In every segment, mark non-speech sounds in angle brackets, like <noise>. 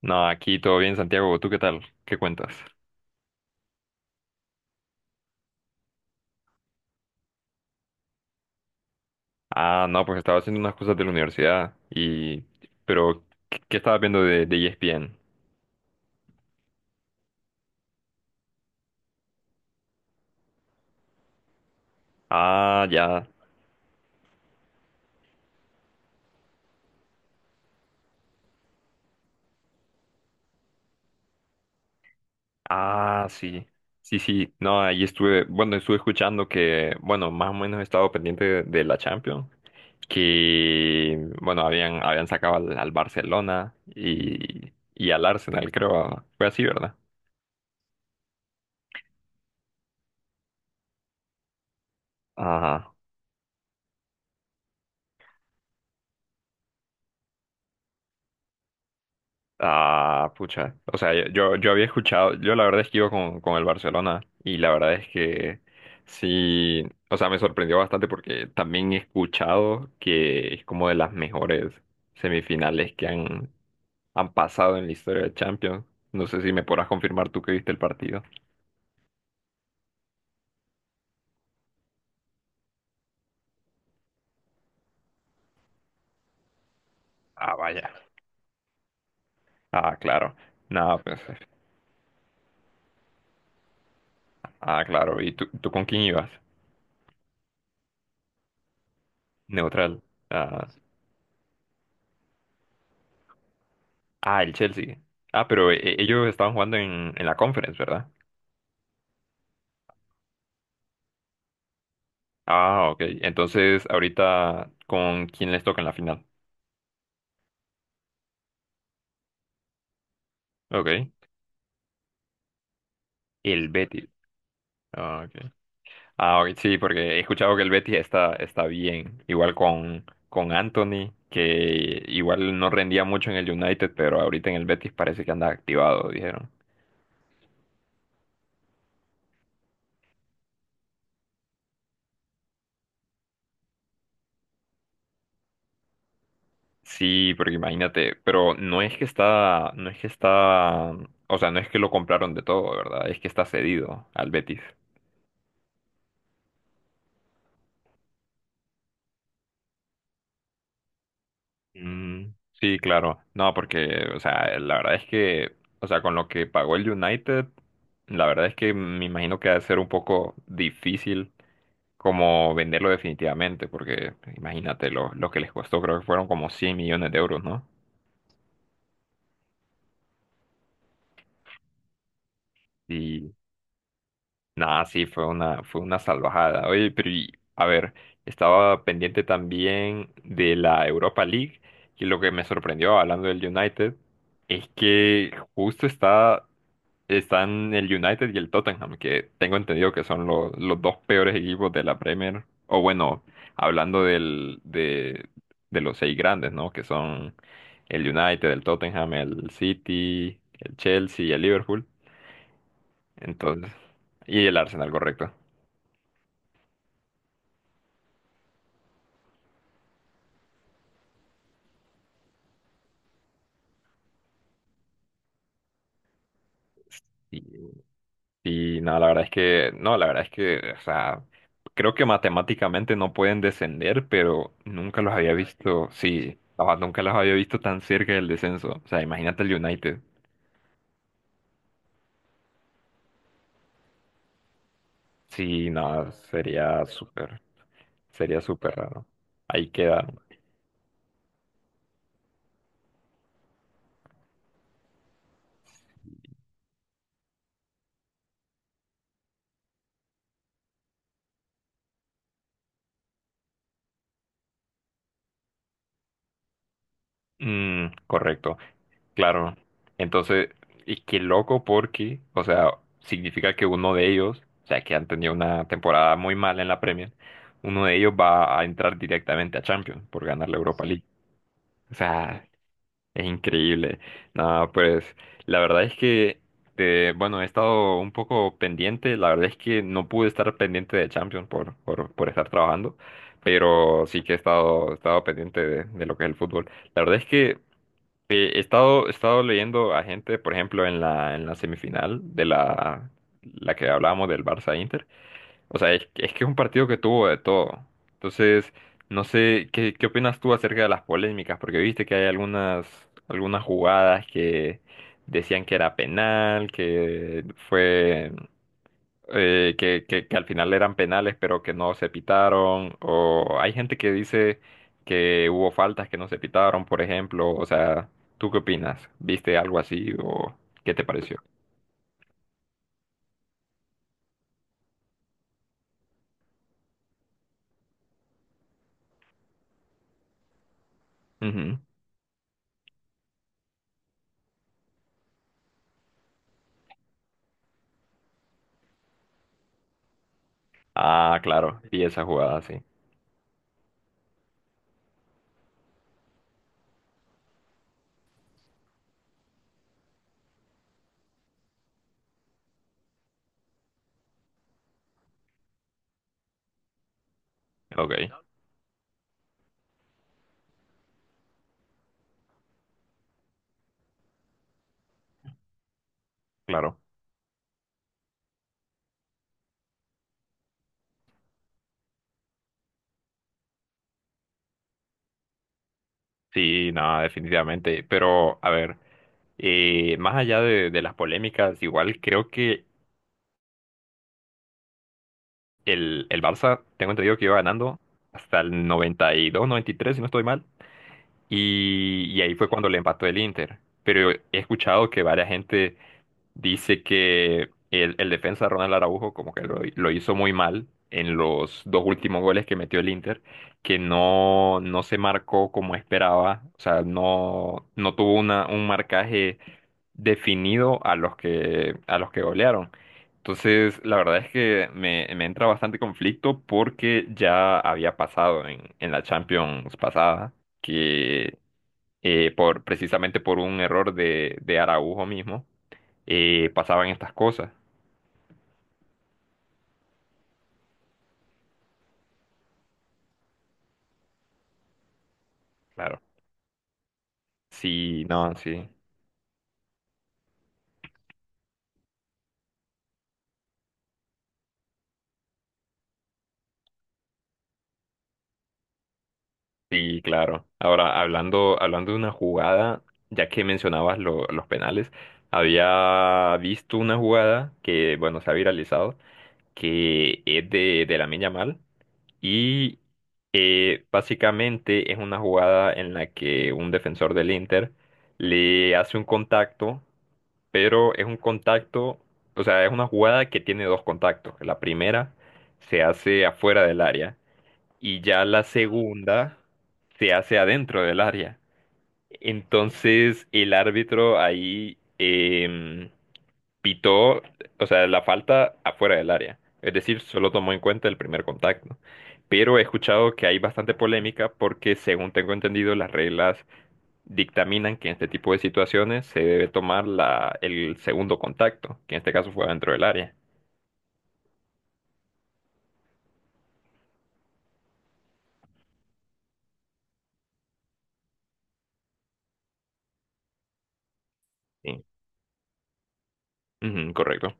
No, aquí todo bien, Santiago. ¿Tú qué tal? ¿Qué cuentas? Ah, no, pues estaba haciendo unas cosas de la universidad y... Pero, ¿qué, qué estabas viendo de ESPN? Ah, ya. Ah, sí. Sí, sí. No, ahí estuve... Bueno, estuve escuchando que... Bueno, más o menos he estado pendiente de la Champions. Que... Bueno, habían sacado al Barcelona y al Arsenal, creo. Fue así, ¿verdad? Ajá. Ah, pucha. O sea, yo había escuchado, yo la verdad es que iba con el Barcelona y la verdad es que sí, o sea, me sorprendió bastante porque también he escuchado que es como de las mejores semifinales que han pasado en la historia de Champions. No sé si me podrás confirmar tú que viste el partido. Ah, vaya. Ah, claro. Nada, pues. Ah, claro. ¿Y tú con quién ibas? Neutral. Ah, ah, el Chelsea. Ah, pero ellos estaban jugando en la Conference, ¿verdad? Ah, ok. Entonces, ahorita, ¿con quién les toca en la final? Ok. El Betis. Ah, ok. Ah, ok, sí, porque he escuchado que el Betis está, está bien. Igual con Anthony, que igual no rendía mucho en el United, pero ahorita en el Betis parece que anda activado, dijeron. Sí, porque imagínate, pero no es que está, o sea, no es que lo compraron de todo, ¿verdad? Es que está cedido al Betis. Mm, sí, claro. No, porque, o sea, la verdad es que, o sea, con lo que pagó el United, la verdad es que me imagino que ha de ser un poco difícil como venderlo definitivamente, porque imagínate lo que les costó, creo que fueron como 100 millones de euros, ¿no? Y nada, sí, fue una salvajada. Oye, pero a ver, estaba pendiente también de la Europa League, y lo que me sorprendió hablando del United es que justo está. Están el United y el Tottenham, que tengo entendido que son los dos peores equipos de la Premier. O bueno, hablando de los seis grandes, ¿no? Que son el United, el Tottenham, el City, el Chelsea y el Liverpool. Entonces, y el Arsenal, correcto. Y, y no, la verdad es que, no, la verdad es que, o sea, creo que matemáticamente no pueden descender, pero nunca los había visto, sí, o sea, nunca los había visto tan cerca del descenso. O sea, imagínate el United. Sí, no, sería súper raro. Ahí quedaron. Mm, correcto, claro. Entonces, y qué loco porque, o sea, significa que uno de ellos, o sea, que han tenido una temporada muy mala en la Premier, uno de ellos va a entrar directamente a Champions por ganar la Europa League. O sea, es increíble. Nada, pues la verdad es que, bueno, he estado un poco pendiente. La verdad es que no pude estar pendiente de Champions por estar trabajando, pero sí que he estado pendiente de lo que es el fútbol. La verdad es que he estado leyendo a gente, por ejemplo, en la semifinal de la que hablábamos del Barça-Inter. O sea, es que es un partido que tuvo de todo. Entonces, no sé, ¿qué, qué opinas tú acerca de las polémicas? Porque viste que hay algunas, algunas jugadas que decían que era penal, que fue, que al final eran penales, pero que no se pitaron. O hay gente que dice que hubo faltas que no se pitaron, por ejemplo. O sea, ¿tú qué opinas? ¿Viste algo así o qué te pareció? Ujú. Ah, claro, y esa jugada, sí. Ok, claro. Sí, no, definitivamente. Pero, a ver, más allá de las polémicas, igual creo que el Barça, tengo entendido que iba ganando hasta el 90, 92, 93, si no estoy mal. Y ahí fue cuando le empató el Inter. Pero he escuchado que varias gente dice que el defensa Ronald Araujo como que lo hizo muy mal en los dos últimos goles que metió el Inter, que no se marcó como esperaba, o sea, no tuvo una, un marcaje definido a los que golearon. Entonces, la verdad es que me entra bastante conflicto porque ya había pasado en la Champions pasada, que por, precisamente por un error de Araujo mismo, pasaban estas cosas. Claro. Sí, no, sí, sí, claro. Ahora, hablando de una jugada, ya que mencionabas los penales, había visto una jugada que, bueno, se ha viralizado que es de Lamine Yamal y básicamente es una jugada en la que un defensor del Inter le hace un contacto, pero es un contacto, o sea, es una jugada que tiene dos contactos. La primera se hace afuera del área y ya la segunda se hace adentro del área. Entonces el árbitro ahí... pitó, o sea, la falta afuera del área. Es decir, solo tomó en cuenta el primer contacto. Pero he escuchado que hay bastante polémica porque, según tengo entendido, las reglas dictaminan que en este tipo de situaciones se debe tomar el segundo contacto, que en este caso fue dentro del área. Sí. Ujú, correcto.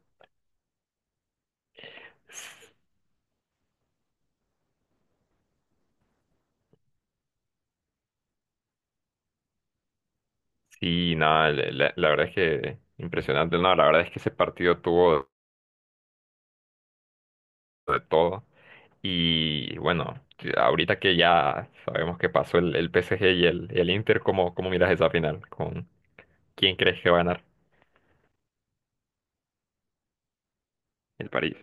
Sí, nada, la verdad es que impresionante. No, la verdad es que ese partido tuvo de todo. Y bueno, ahorita que ya sabemos que pasó el PSG y el Inter, ¿cómo, cómo miras esa final? ¿Con quién crees que va a ganar? El París.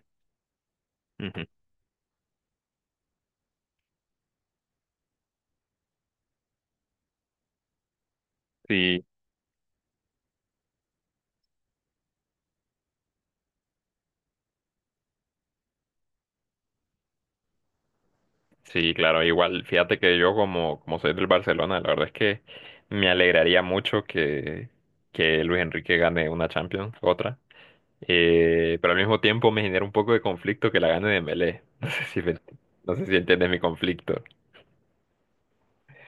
Ujú. Sí, sí, claro, igual, fíjate que yo como, como soy del Barcelona, la verdad es que me alegraría mucho que Luis Enrique gane una Champions, otra. Pero al mismo tiempo me genera un poco de conflicto que la gane Dembélé. <laughs> No sé no sé si entiendes mi conflicto.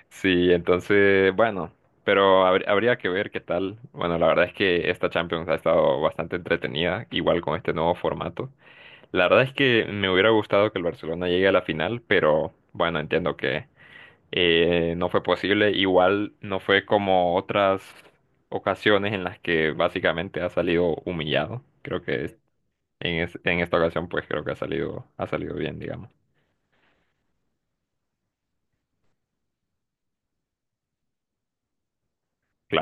Sí, entonces, bueno, pero habría que ver qué tal. Bueno, la verdad es que esta Champions ha estado bastante entretenida, igual con este nuevo formato. La verdad es que me hubiera gustado que el Barcelona llegue a la final, pero bueno, entiendo que no fue posible. Igual no fue como otras ocasiones en las que básicamente ha salido humillado. Creo que en esta ocasión, pues creo que ha salido bien, digamos. Claro.